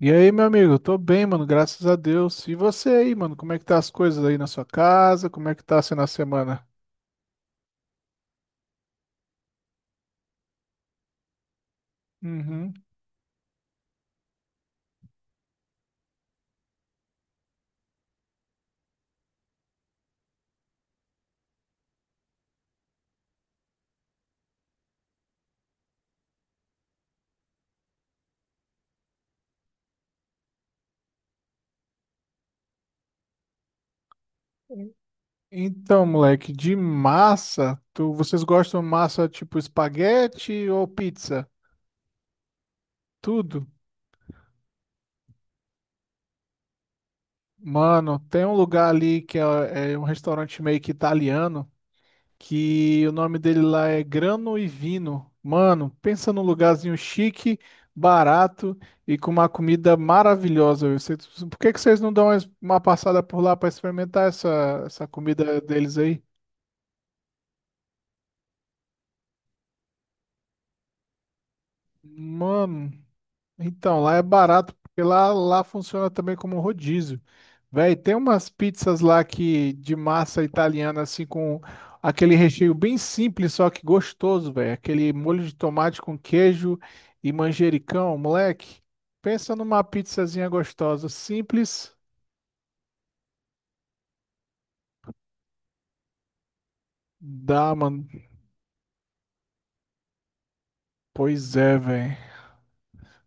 E aí, meu amigo? Tô bem, mano, graças a Deus. E você aí, mano? Como é que tá as coisas aí na sua casa? Como é que tá sendo a semana? Uhum. Então, moleque, de massa, vocês gostam de massa tipo espaguete ou pizza? Tudo? Mano, tem um lugar ali que é um restaurante meio que italiano. Que o nome dele lá é Grano e Vino. Mano, pensa num lugarzinho chique, barato e com uma comida maravilhosa. Por que que vocês não dão uma passada por lá para experimentar essa comida deles aí? Mano. Então, lá é barato, porque lá funciona também como rodízio. Véi, tem umas pizzas lá que de massa italiana, assim, com aquele recheio bem simples, só que gostoso, velho. Aquele molho de tomate com queijo e manjericão, moleque. Pensa numa pizzazinha gostosa, simples. Dá, mano. Pois é, velho.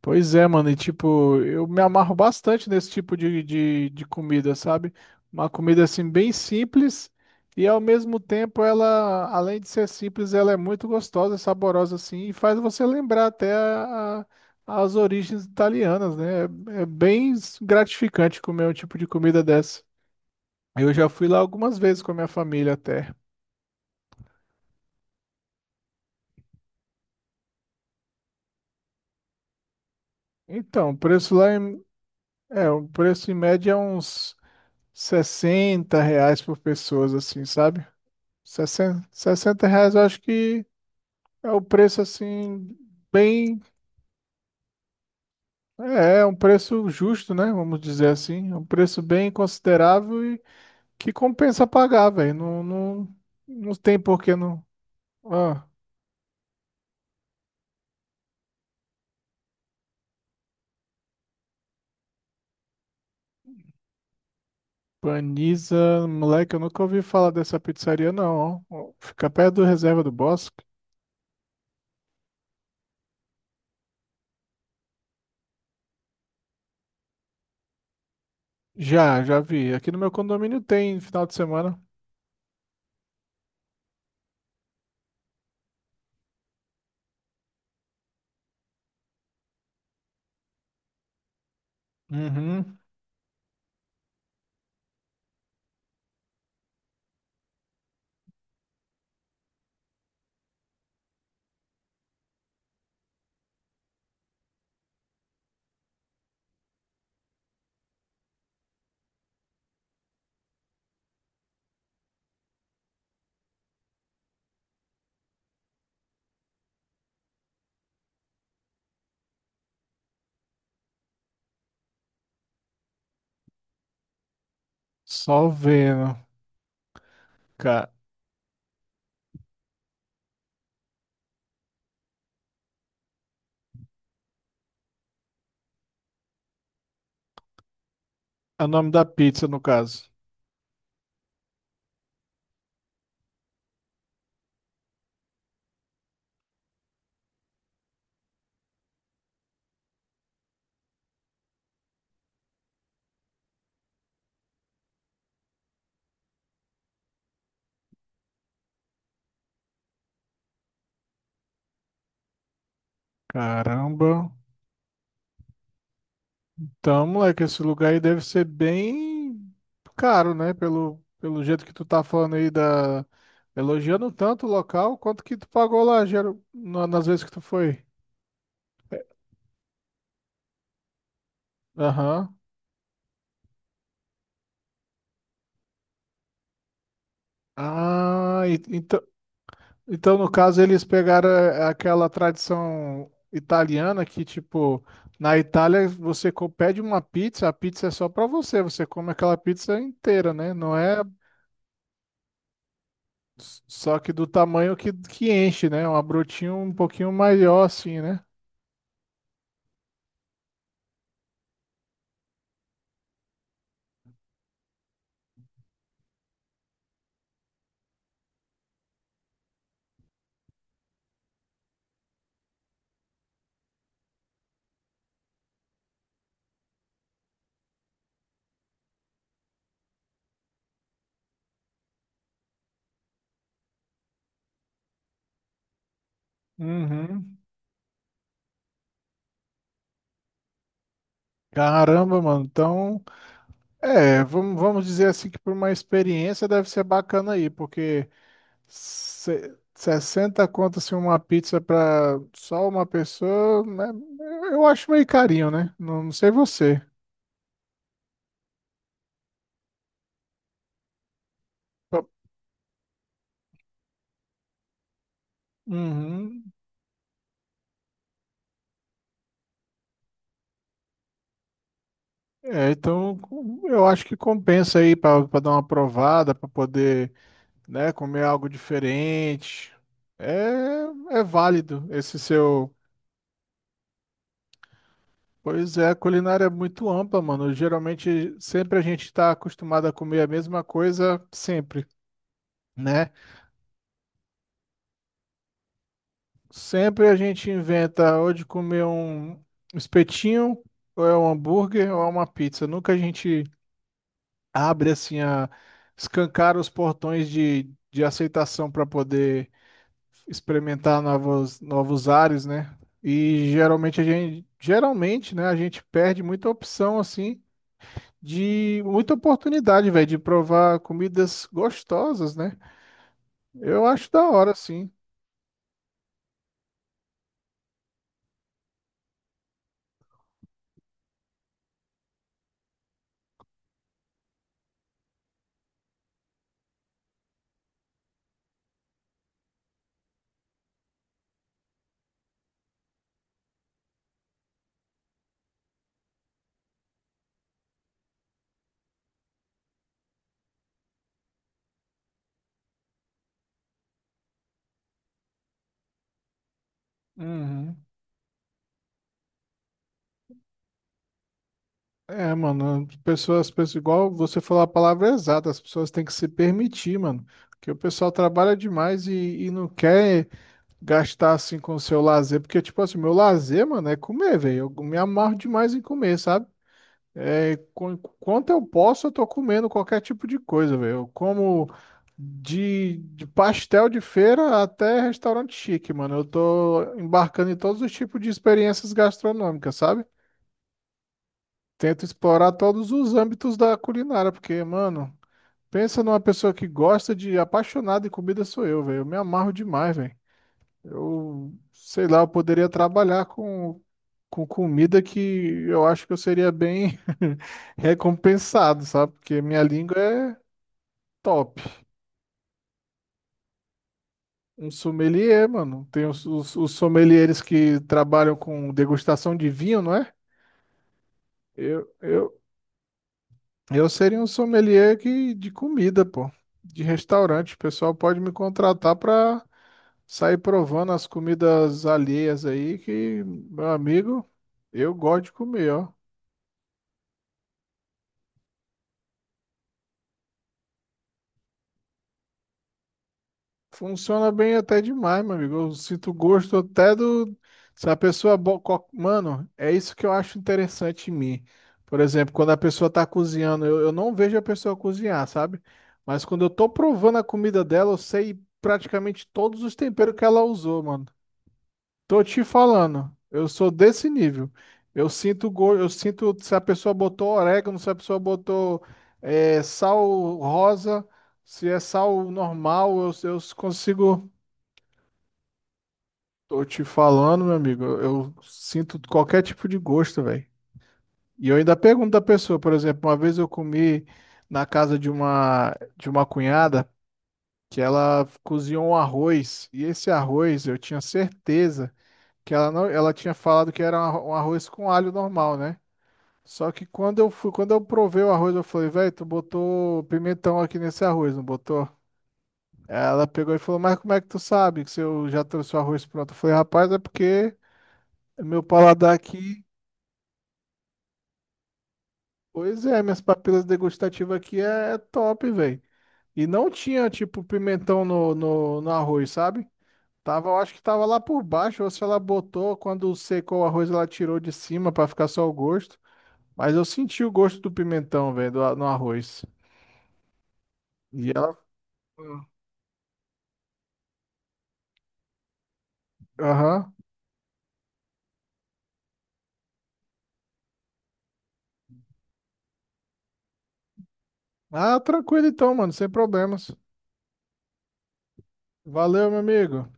Pois é, mano, e tipo, eu me amarro bastante nesse tipo de comida, sabe? Uma comida assim bem simples e ao mesmo tempo ela, além de ser simples, ela é muito gostosa, saborosa assim e faz você lembrar até as origens italianas, né? É, é bem gratificante comer um tipo de comida dessa. Eu já fui lá algumas vezes com a minha família até. Então, o preço lá em- é, o preço em média é uns 60 reais por pessoas, assim, sabe? Sessenta 60 reais eu acho que é o preço assim, bem. É, é um preço justo, né? Vamos dizer assim. É um preço bem considerável e que compensa pagar, velho. Não, não, não tem por que não. Ah, Paniza, moleque, eu nunca ouvi falar dessa pizzaria, não, ó. Fica perto do Reserva do Bosque. Já vi. Aqui no meu condomínio tem final de semana. Uhum. Só vendo. Cara, é o nome da pizza, no caso. Caramba. Então, moleque, esse lugar aí deve ser bem caro, né? Pelo jeito que tu tá falando aí da... Elogiando tanto o local, quanto que tu pagou lá, geral... nas vezes que tu foi? Aham. Então, então, no caso eles pegaram aquela tradição italiana que, tipo, na Itália pede uma pizza, a pizza é só pra você, você come aquela pizza inteira, né? Não é. Só que do tamanho que, enche, né? É um brotinho um pouquinho maior, assim, né? Uhum. Caramba, mano. Então, é, vamos dizer assim que por uma experiência deve ser bacana aí, porque se, 60 conto assim, uma pizza para só uma pessoa, né? Eu acho meio carinho, né? Não sei você. Uhum. É, então eu acho que compensa aí para dar uma provada, para poder, né? Comer algo diferente. É, é válido esse seu. Pois é, a culinária é muito ampla, mano. Geralmente, sempre a gente está acostumado a comer a mesma coisa, sempre, né? Sempre a gente inventa ou de comer um espetinho, ou é um hambúrguer, ou é uma pizza. Nunca a gente abre assim a escancar os portões de aceitação para poder experimentar novos ares, né? E geralmente a gente, geralmente, né, a gente perde muita opção assim de muita oportunidade, velho, de provar comidas gostosas, né? Eu acho da hora, sim. Uhum. É, mano, as pessoas pensam igual você falou a palavra é exata, as pessoas têm que se permitir, mano. Porque o pessoal trabalha demais e não quer gastar assim com o seu lazer. Porque, tipo assim, meu lazer, mano, é comer, velho. Eu me amarro demais em comer, sabe? É, quanto eu posso, eu tô comendo qualquer tipo de coisa, velho. Eu como de pastel de feira até restaurante chique, mano. Eu tô embarcando em todos os tipos de experiências gastronômicas, sabe? Tento explorar todos os âmbitos da culinária, porque, mano, pensa numa pessoa que gosta de apaixonada em comida sou eu, velho. Eu me amarro demais, velho. Eu, sei lá, eu poderia trabalhar com comida que eu acho que eu seria bem recompensado, sabe? Porque minha língua é top. Um sommelier, mano. Tem os sommeliers que trabalham com degustação de vinho, não é? Eu, eu, Eu seria um sommelier que, de comida, pô, de restaurante. O pessoal pode me contratar para sair provando as comidas alheias aí, que, meu amigo, eu gosto de comer, ó. Funciona bem até demais, meu amigo. Eu sinto gosto até do. Se a pessoa. Mano, é isso que eu acho interessante em mim. Por exemplo, quando a pessoa tá cozinhando, eu não vejo a pessoa cozinhar, sabe? Mas quando eu tô provando a comida dela, eu sei praticamente todos os temperos que ela usou, mano. Tô te falando, eu sou desse nível. Eu sinto se a pessoa botou orégano, se a pessoa botou sal rosa, se é sal normal, eu consigo. Tô te falando, meu amigo, eu sinto qualquer tipo de gosto, velho. E eu ainda pergunto da pessoa, por exemplo, uma vez eu comi na casa de uma cunhada que ela cozinhou um arroz e esse arroz eu tinha certeza que ela não, ela tinha falado que era um um arroz com alho normal, né? Só que quando eu fui, quando eu provei o arroz, eu falei, velho, tu botou pimentão aqui nesse arroz, não botou? Ela pegou e falou, mas como é que tu sabe que se eu já trouxe o arroz pronto? Eu falei, rapaz, é porque meu paladar aqui, pois é, minhas papilas degustativas aqui é top, velho. E não tinha, tipo, pimentão no arroz, sabe? Tava, eu acho que tava lá por baixo, ou se ela botou, quando secou o arroz, ela tirou de cima pra ficar só o gosto. Mas eu senti o gosto do pimentão, velho, do no arroz. E ela. Aham. Ah, tranquilo então, mano, sem problemas. Valeu, meu amigo.